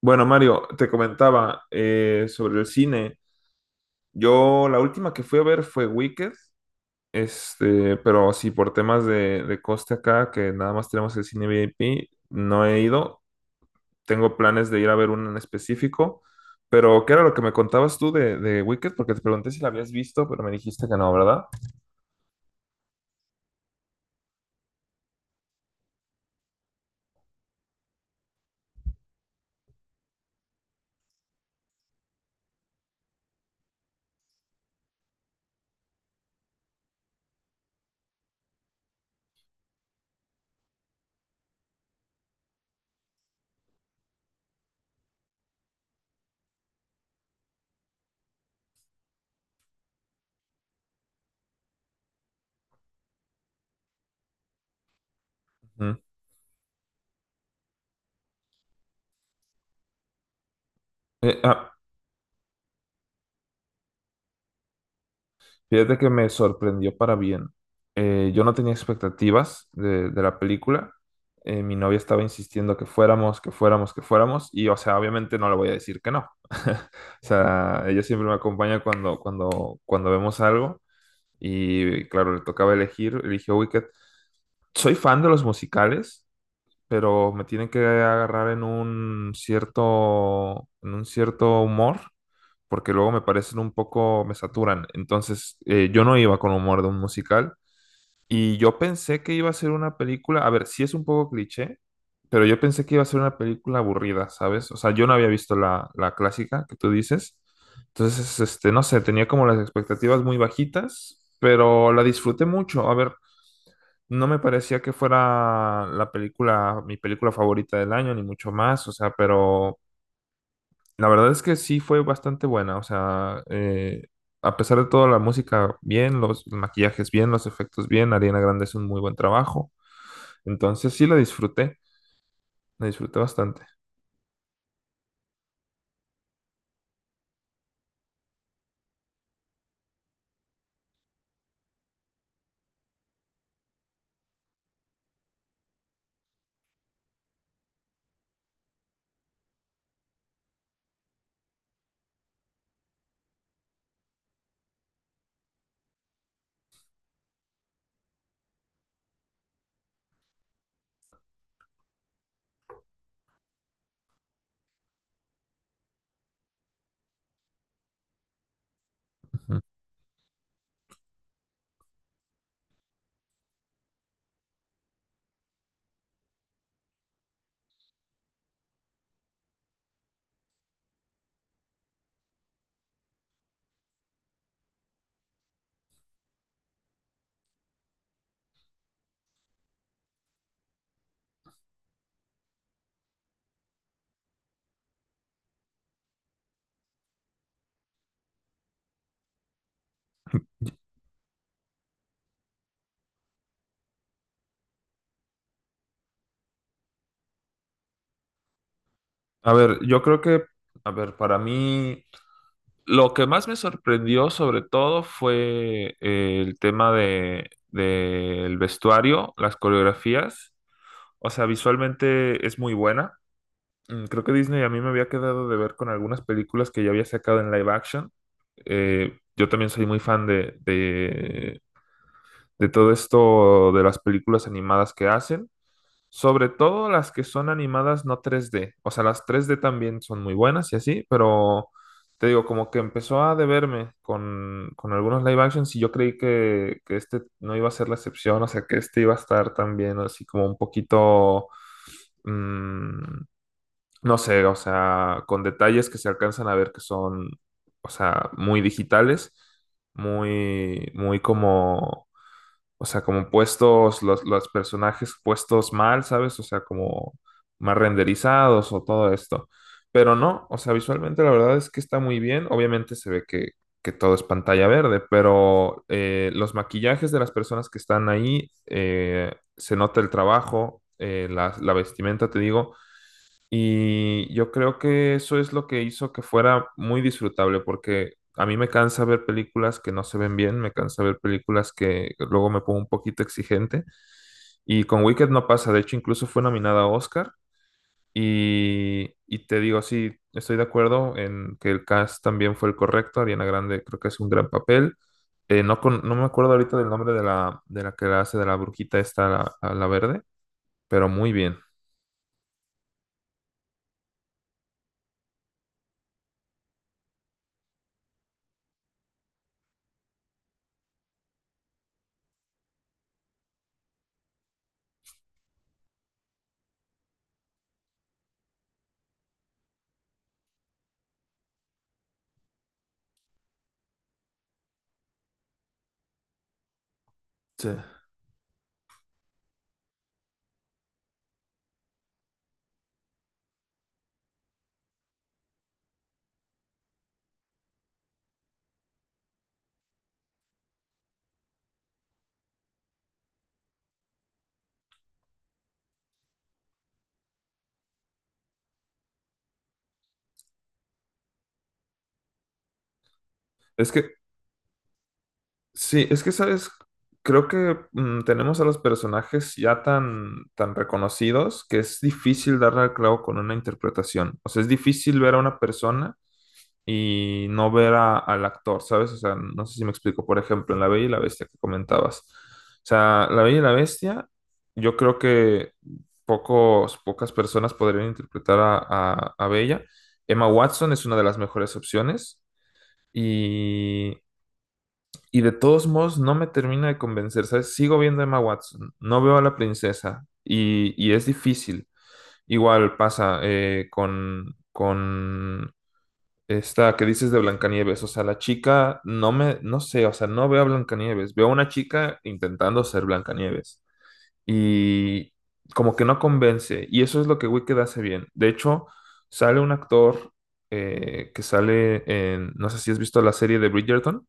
Bueno, Mario, te comentaba sobre el cine. Yo la última que fui a ver fue Wicked, pero así por temas de coste acá, que nada más tenemos el cine VIP, no he ido. Tengo planes de ir a ver uno en específico, pero ¿qué era lo que me contabas tú de Wicked? Porque te pregunté si la habías visto, pero me dijiste que no, ¿verdad? Ujú. Eh, ah, Fíjate que me sorprendió para bien. Yo no tenía expectativas de la película. Mi novia estaba insistiendo que fuéramos, que fuéramos, que fuéramos. Y, o sea, obviamente no le voy a decir que no. O sea, ella siempre me acompaña cuando vemos algo. Y, claro, le tocaba elegir. Eligió Wicked. Soy fan de los musicales, pero me tienen que agarrar en un cierto humor, porque luego me parecen un poco, me saturan. Entonces, yo no iba con humor de un musical, y yo pensé que iba a ser una película, a ver, sí es un poco cliché, pero yo pensé que iba a ser una película aburrida, ¿sabes? O sea, yo no había visto la clásica que tú dices. Entonces, no sé, tenía como las expectativas muy bajitas, pero la disfruté mucho. A ver, no me parecía que fuera la película, mi película favorita del año, ni mucho más, o sea, pero la verdad es que sí fue bastante buena, o sea, a pesar de todo, la música bien, los maquillajes bien, los efectos bien, Ariana Grande es un muy buen trabajo, entonces sí la disfruté bastante. Ujú. A ver, yo creo que, a ver, para mí, lo que más me sorprendió sobre todo fue el tema del vestuario, las coreografías, o sea, visualmente es muy buena. Creo que Disney a mí me había quedado de ver con algunas películas que ya había sacado en live action. Yo también soy muy fan de todo esto de las películas animadas que hacen, sobre todo las que son animadas, no tres d. O sea, las tres d también son muy buenas y así, pero te digo, como que empezó a deberme con algunos live actions y yo creí que este no iba a ser la excepción, o sea, que este iba a estar también así como un poquito, mm, no sé, o sea, con detalles que se alcanzan a ver que son, o sea, muy digitales, muy, muy como, o sea, como puestos, los personajes puestos mal, ¿sabes? O sea, como más renderizados o todo esto. Pero no, o sea, visualmente la verdad es que está muy bien. Obviamente se ve que todo es pantalla verde, pero los maquillajes de las personas que están ahí, se nota el trabajo, la vestimenta, te digo, y yo creo que eso es lo que hizo que fuera muy disfrutable, porque a mí me cansa ver películas que no se ven bien, me cansa ver películas que luego me pongo un poquito exigente. Y con Wicked no pasa, de hecho incluso fue nominada a Oscar. Y te digo, sí, estoy de acuerdo en que el cast también fue el correcto, Ariana Grande creo que es un gran papel. No, no me acuerdo ahorita del nombre de la que la hace, de la brujita esta, la verde, pero muy bien. Sí. Es que, sí, es que, ¿sabes? Creo que tenemos a los personajes ya tan, tan reconocidos que es difícil darle al clavo con una interpretación. O sea, es difícil ver a una persona y no ver al actor, ¿sabes? O sea, no sé si me explico. Por ejemplo, en La Bella y la Bestia que comentabas. O sea, La Bella y la Bestia, yo creo que pocos, pocas personas podrían interpretar a Bella. Emma Watson es una de las mejores opciones. Y, y de todos modos, no me termina de convencer, ¿sabes? Sigo viendo a Emma Watson, no veo a la princesa y es difícil. Igual pasa con esta que dices de Blancanieves, o sea, la chica, no me, no sé, o sea, no veo a Blancanieves, veo a una chica intentando ser Blancanieves y como que no convence y eso es lo que Wicked hace bien. De hecho, sale un actor que sale en, no sé si has visto la serie de Bridgerton.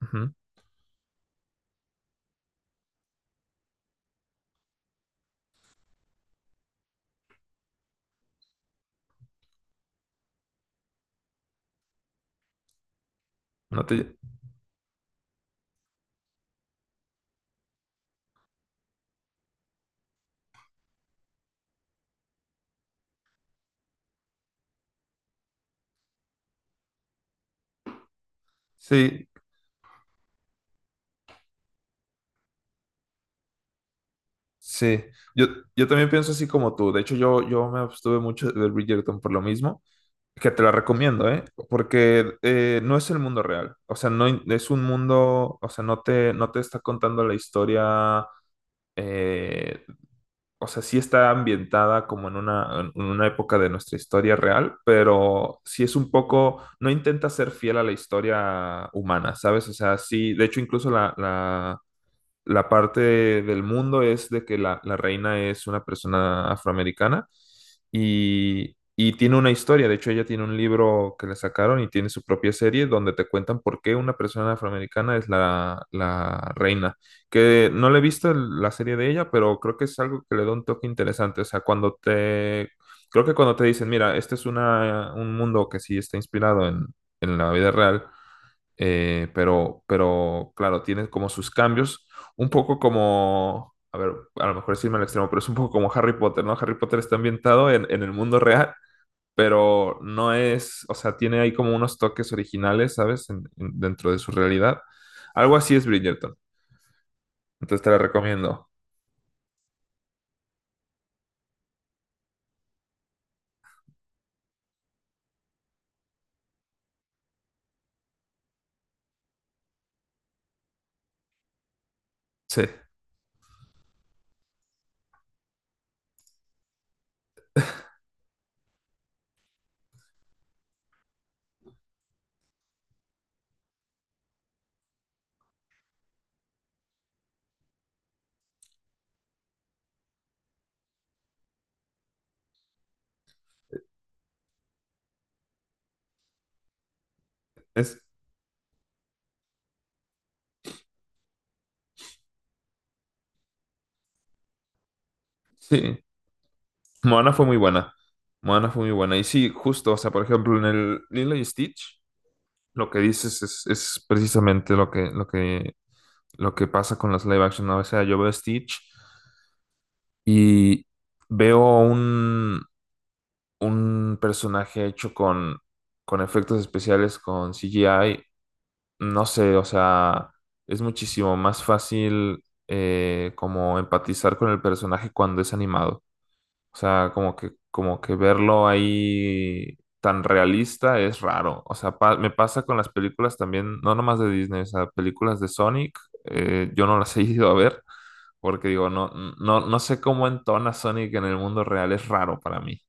Ujú, no te- sí, sí, yo, yo también pienso así como tú. De hecho, yo me abstuve mucho de Bridgerton por lo mismo, que te la recomiendo, ¿eh? Porque no es el mundo real. O sea, no in- es un mundo, o sea, no te, no te está contando la historia. eh, o sea, sí está ambientada como en una época de nuestra historia real, pero sí es un poco, no intenta ser fiel a la historia humana, ¿sabes? O sea, sí, de hecho, incluso la parte del mundo es de que la reina es una persona afroamericana y tiene una historia. De hecho, ella tiene un libro que le sacaron y tiene su propia serie donde te cuentan por qué una persona afroamericana es la reina. Que no le he visto la serie de ella, pero creo que es algo que le da un toque interesante. O sea, cuando te... Creo que cuando te dicen, mira, este es una, un mundo que sí está inspirado en la vida real. Pero claro, tiene como sus cambios, un poco como, a ver, a lo mejor es irme al extremo, pero es un poco como Harry Potter, ¿no? Harry Potter está ambientado en el mundo real, pero no es, o sea, tiene ahí como unos toques originales, ¿sabes? Dentro de su realidad. Algo así es Bridgerton, entonces te la recomiendo. Sí, es, sí. Moana fue muy buena. Moana fue muy buena. Y sí, justo, o sea, por ejemplo, en el Lilo y Stitch, lo que dices es precisamente lo que, lo que lo que pasa con las live action, ¿no? O sea, yo veo Stitch y veo un personaje hecho con efectos especiales, con CGI. No sé, o sea, es muchísimo más fácil, como empatizar con el personaje cuando es animado. O sea, como que verlo ahí tan realista es raro. O sea, me pasa con las películas también, no nomás de Disney, o sea, películas de Sonic, yo no las he ido a ver porque digo, no, no, no sé cómo entona Sonic en el mundo real, es raro para mí.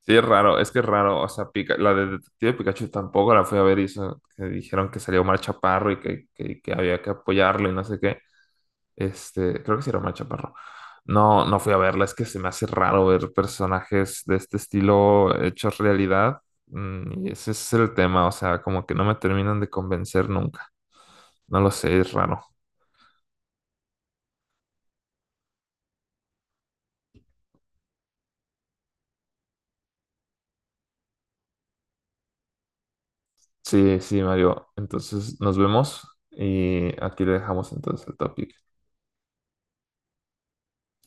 Sí, es raro, es que es raro. O sea, la de Detective Pikachu tampoco la fui a ver y eso, que dijeron que salió Omar Chaparro y que, que había que apoyarlo y no sé qué. Este, creo que sí era Omar Chaparro. No, no fui a verla, es que se me hace raro ver personajes de este estilo hechos realidad. Y ese es el tema, o sea, como que no me terminan de convencer nunca. No lo sé, es raro. Sí, sí, Mario. Entonces nos vemos y aquí le dejamos entonces el topic.